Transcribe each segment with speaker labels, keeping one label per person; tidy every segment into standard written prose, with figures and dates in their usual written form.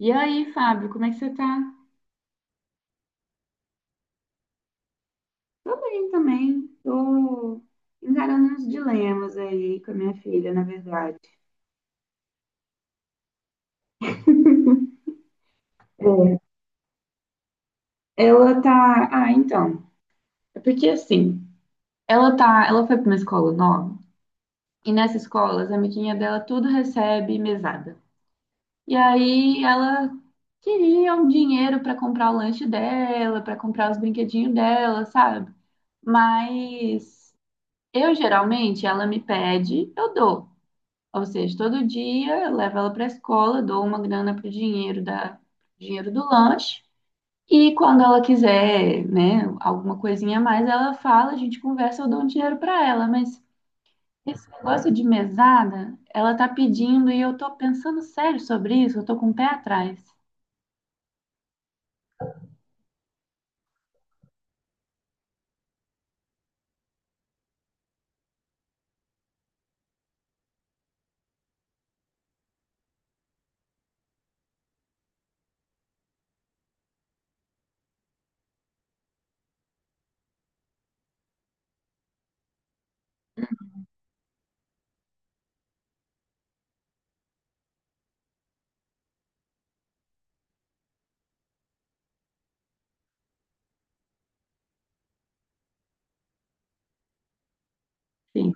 Speaker 1: E aí, Fábio, como é que você tá? Tô bem também. Tô encarando uns dilemas aí com a minha filha, na verdade. É. Ela tá. Ah, então. É porque assim, ela tá. Ela foi pra uma escola nova, e nessa escola, as amiguinhas dela tudo recebe mesada. E aí ela queria um dinheiro pra comprar o lanche dela, pra comprar os brinquedinhos dela, sabe? Mas eu geralmente ela me pede, eu dou. Ou seja, todo dia eu levo ela para a escola, dou uma grana pro dinheiro do lanche. E quando ela quiser, né, alguma coisinha a mais, ela fala, a gente conversa, eu dou um dinheiro para ela, mas esse negócio de mesada, ela tá pedindo e eu tô pensando sério sobre isso, eu tô com o pé atrás. Sim,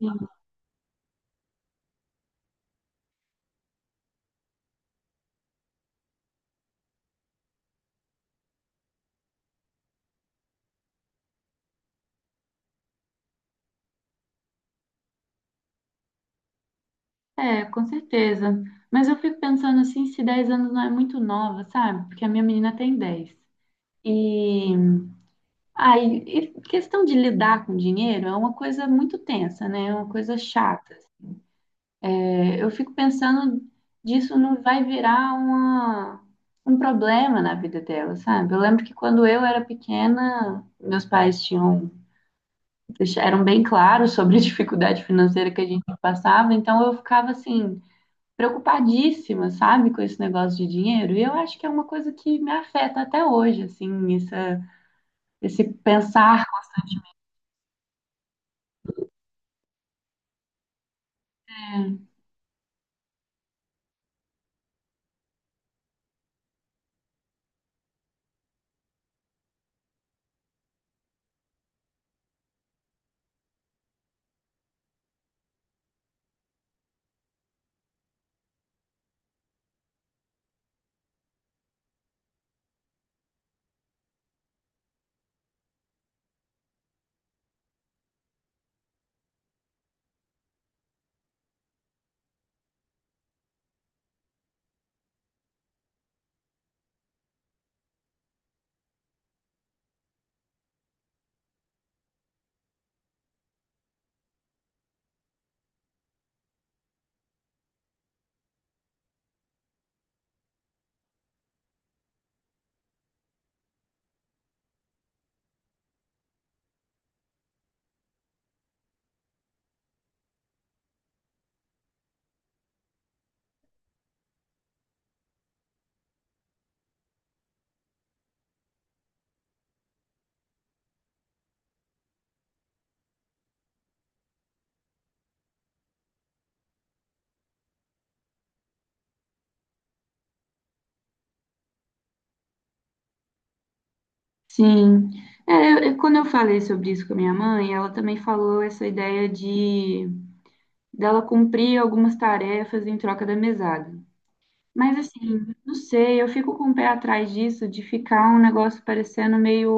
Speaker 1: sim, é, com certeza. Mas eu fico pensando assim, se 10 anos não é muito nova, sabe? Porque a minha menina tem 10. E Aí, e questão de lidar com dinheiro é uma coisa muito tensa, né? É uma coisa chata. É, eu fico pensando disso não vai virar uma, um problema na vida dela, sabe? Eu lembro que quando eu era pequena, meus pais tinham, eram bem claros sobre a dificuldade financeira que a gente passava, então eu ficava assim, preocupadíssima, sabe, com esse negócio de dinheiro. E eu acho que é uma coisa que me afeta até hoje, assim, esse pensar. Né, sim. É, quando eu falei sobre isso com a minha mãe, ela também falou essa ideia de dela cumprir algumas tarefas em troca da mesada. Mas assim, não sei, eu fico com o pé atrás disso, de ficar um negócio parecendo meio,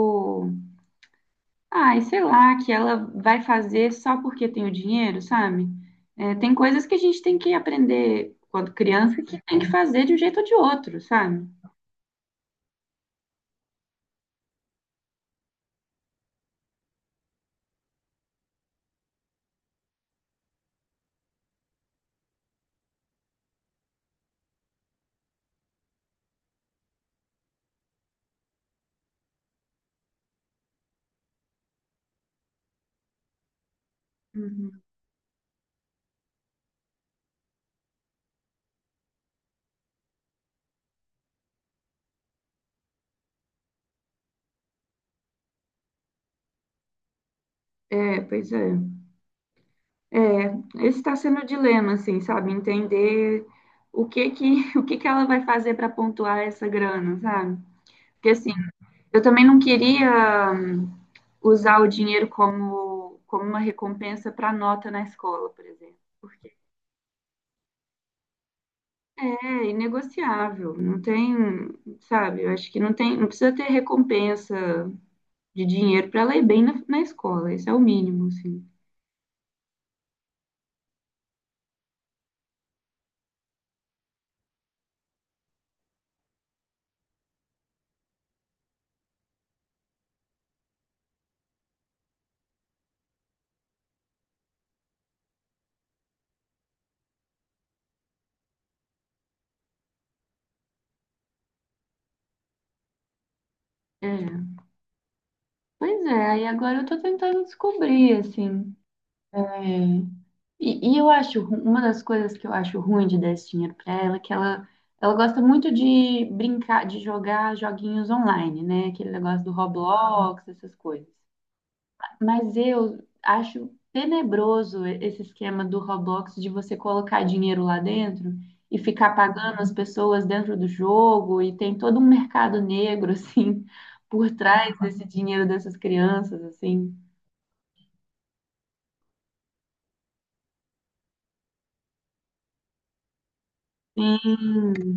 Speaker 1: ai, sei lá, que ela vai fazer só porque tem o dinheiro, sabe? É, tem coisas que a gente tem que aprender quando criança que tem que fazer de um jeito ou de outro, sabe? Uhum. É, pois é. É, esse está sendo o dilema, assim, sabe? Entender o que que ela vai fazer para pontuar essa grana, sabe? Porque, assim, eu também não queria usar o dinheiro como, como uma recompensa para nota na escola, por exemplo. Porque é inegociável, não tem, sabe? Eu acho que não tem, não precisa ter recompensa de dinheiro para ela ir bem na, na escola, isso é o mínimo, assim. É. Pois é, aí agora eu tô tentando descobrir, assim. É, e, eu acho, uma das coisas que eu acho ruim de dar esse dinheiro para ela é que ela gosta muito de brincar, de jogar joguinhos online, né? Aquele negócio do Roblox, essas coisas. Mas eu acho tenebroso esse esquema do Roblox de você colocar dinheiro lá dentro e ficar pagando as pessoas dentro do jogo, e tem todo um mercado negro, assim, por trás desse dinheiro dessas crianças, assim. Sim.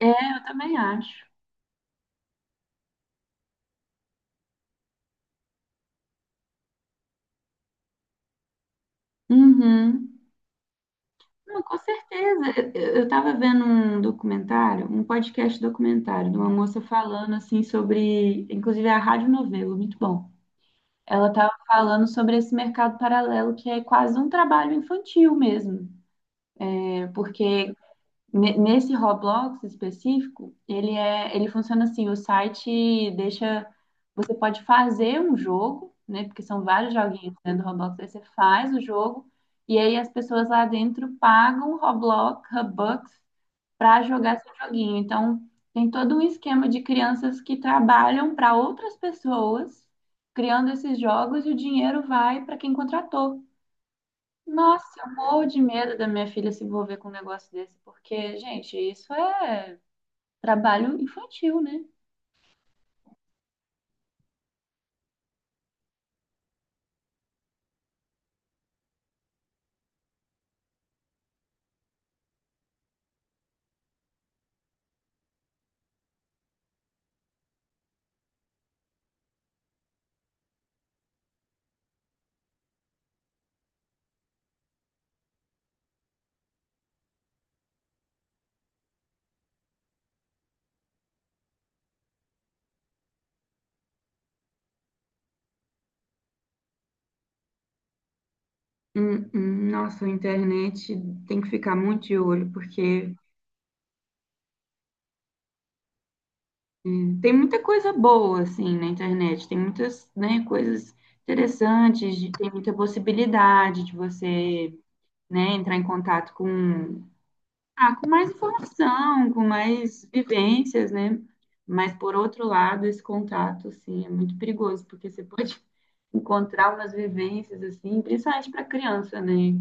Speaker 1: É, eu também acho. Uhum. Não, com certeza. Eu estava vendo um documentário, um podcast documentário, de uma moça falando assim sobre, inclusive a Rádio Novelo, muito bom. Ela estava falando sobre esse mercado paralelo que é quase um trabalho infantil mesmo, né? Porque nesse Roblox específico, ele funciona assim, o site deixa, você pode fazer um jogo, né? Porque são vários joguinhos dentro do Roblox, aí você faz o jogo e aí as pessoas lá dentro pagam Robux para jogar seu joguinho. Então, tem todo um esquema de crianças que trabalham para outras pessoas criando esses jogos e o dinheiro vai para quem contratou. Nossa, eu morro de medo da minha filha se envolver com um negócio desse, porque, gente, isso é trabalho infantil, né? Hum. Nossa, a internet tem que ficar muito de olho, porque tem muita coisa boa, assim, na internet. Tem muitas, né, coisas interessantes, tem muita possibilidade de você, né, entrar em contato com... Ah, com mais informação, com mais vivências, né? Mas, por outro lado, esse contato, assim, é muito perigoso, porque você pode encontrar umas vivências, assim, principalmente para criança, né?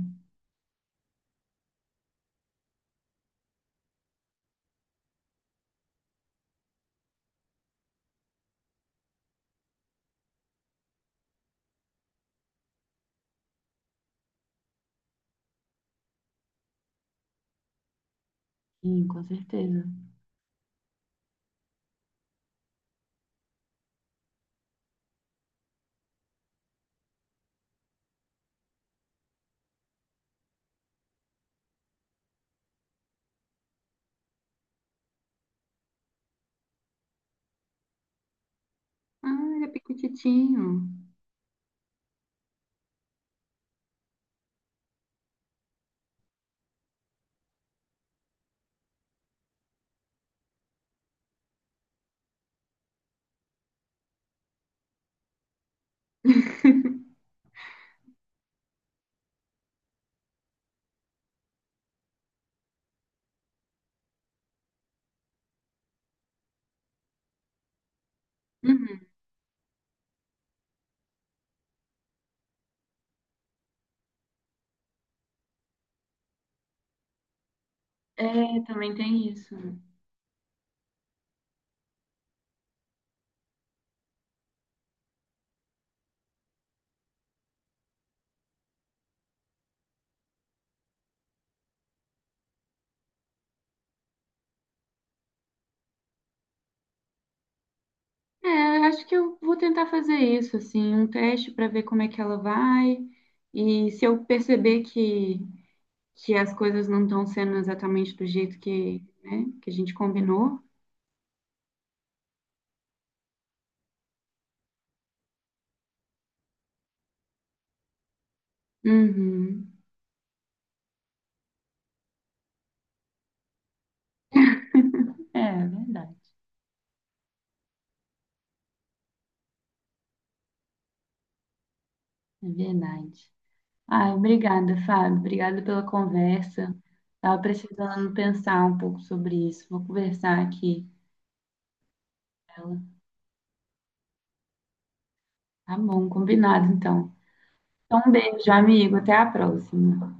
Speaker 1: Sim, com certeza. Ah, ele é pequititinho. Uhum. É, também tem isso. É, eu acho que eu vou tentar fazer isso, assim, um teste para ver como é que ela vai. E se eu perceber que as coisas não estão sendo exatamente do jeito que, né, que a gente combinou... Uhum. É verdade, é verdade. Ai, obrigada, Fábio. Obrigada pela conversa. Tava precisando pensar um pouco sobre isso. Vou conversar aqui com ela. Tá bom, combinado então. Então, um beijo, amigo. Até a próxima.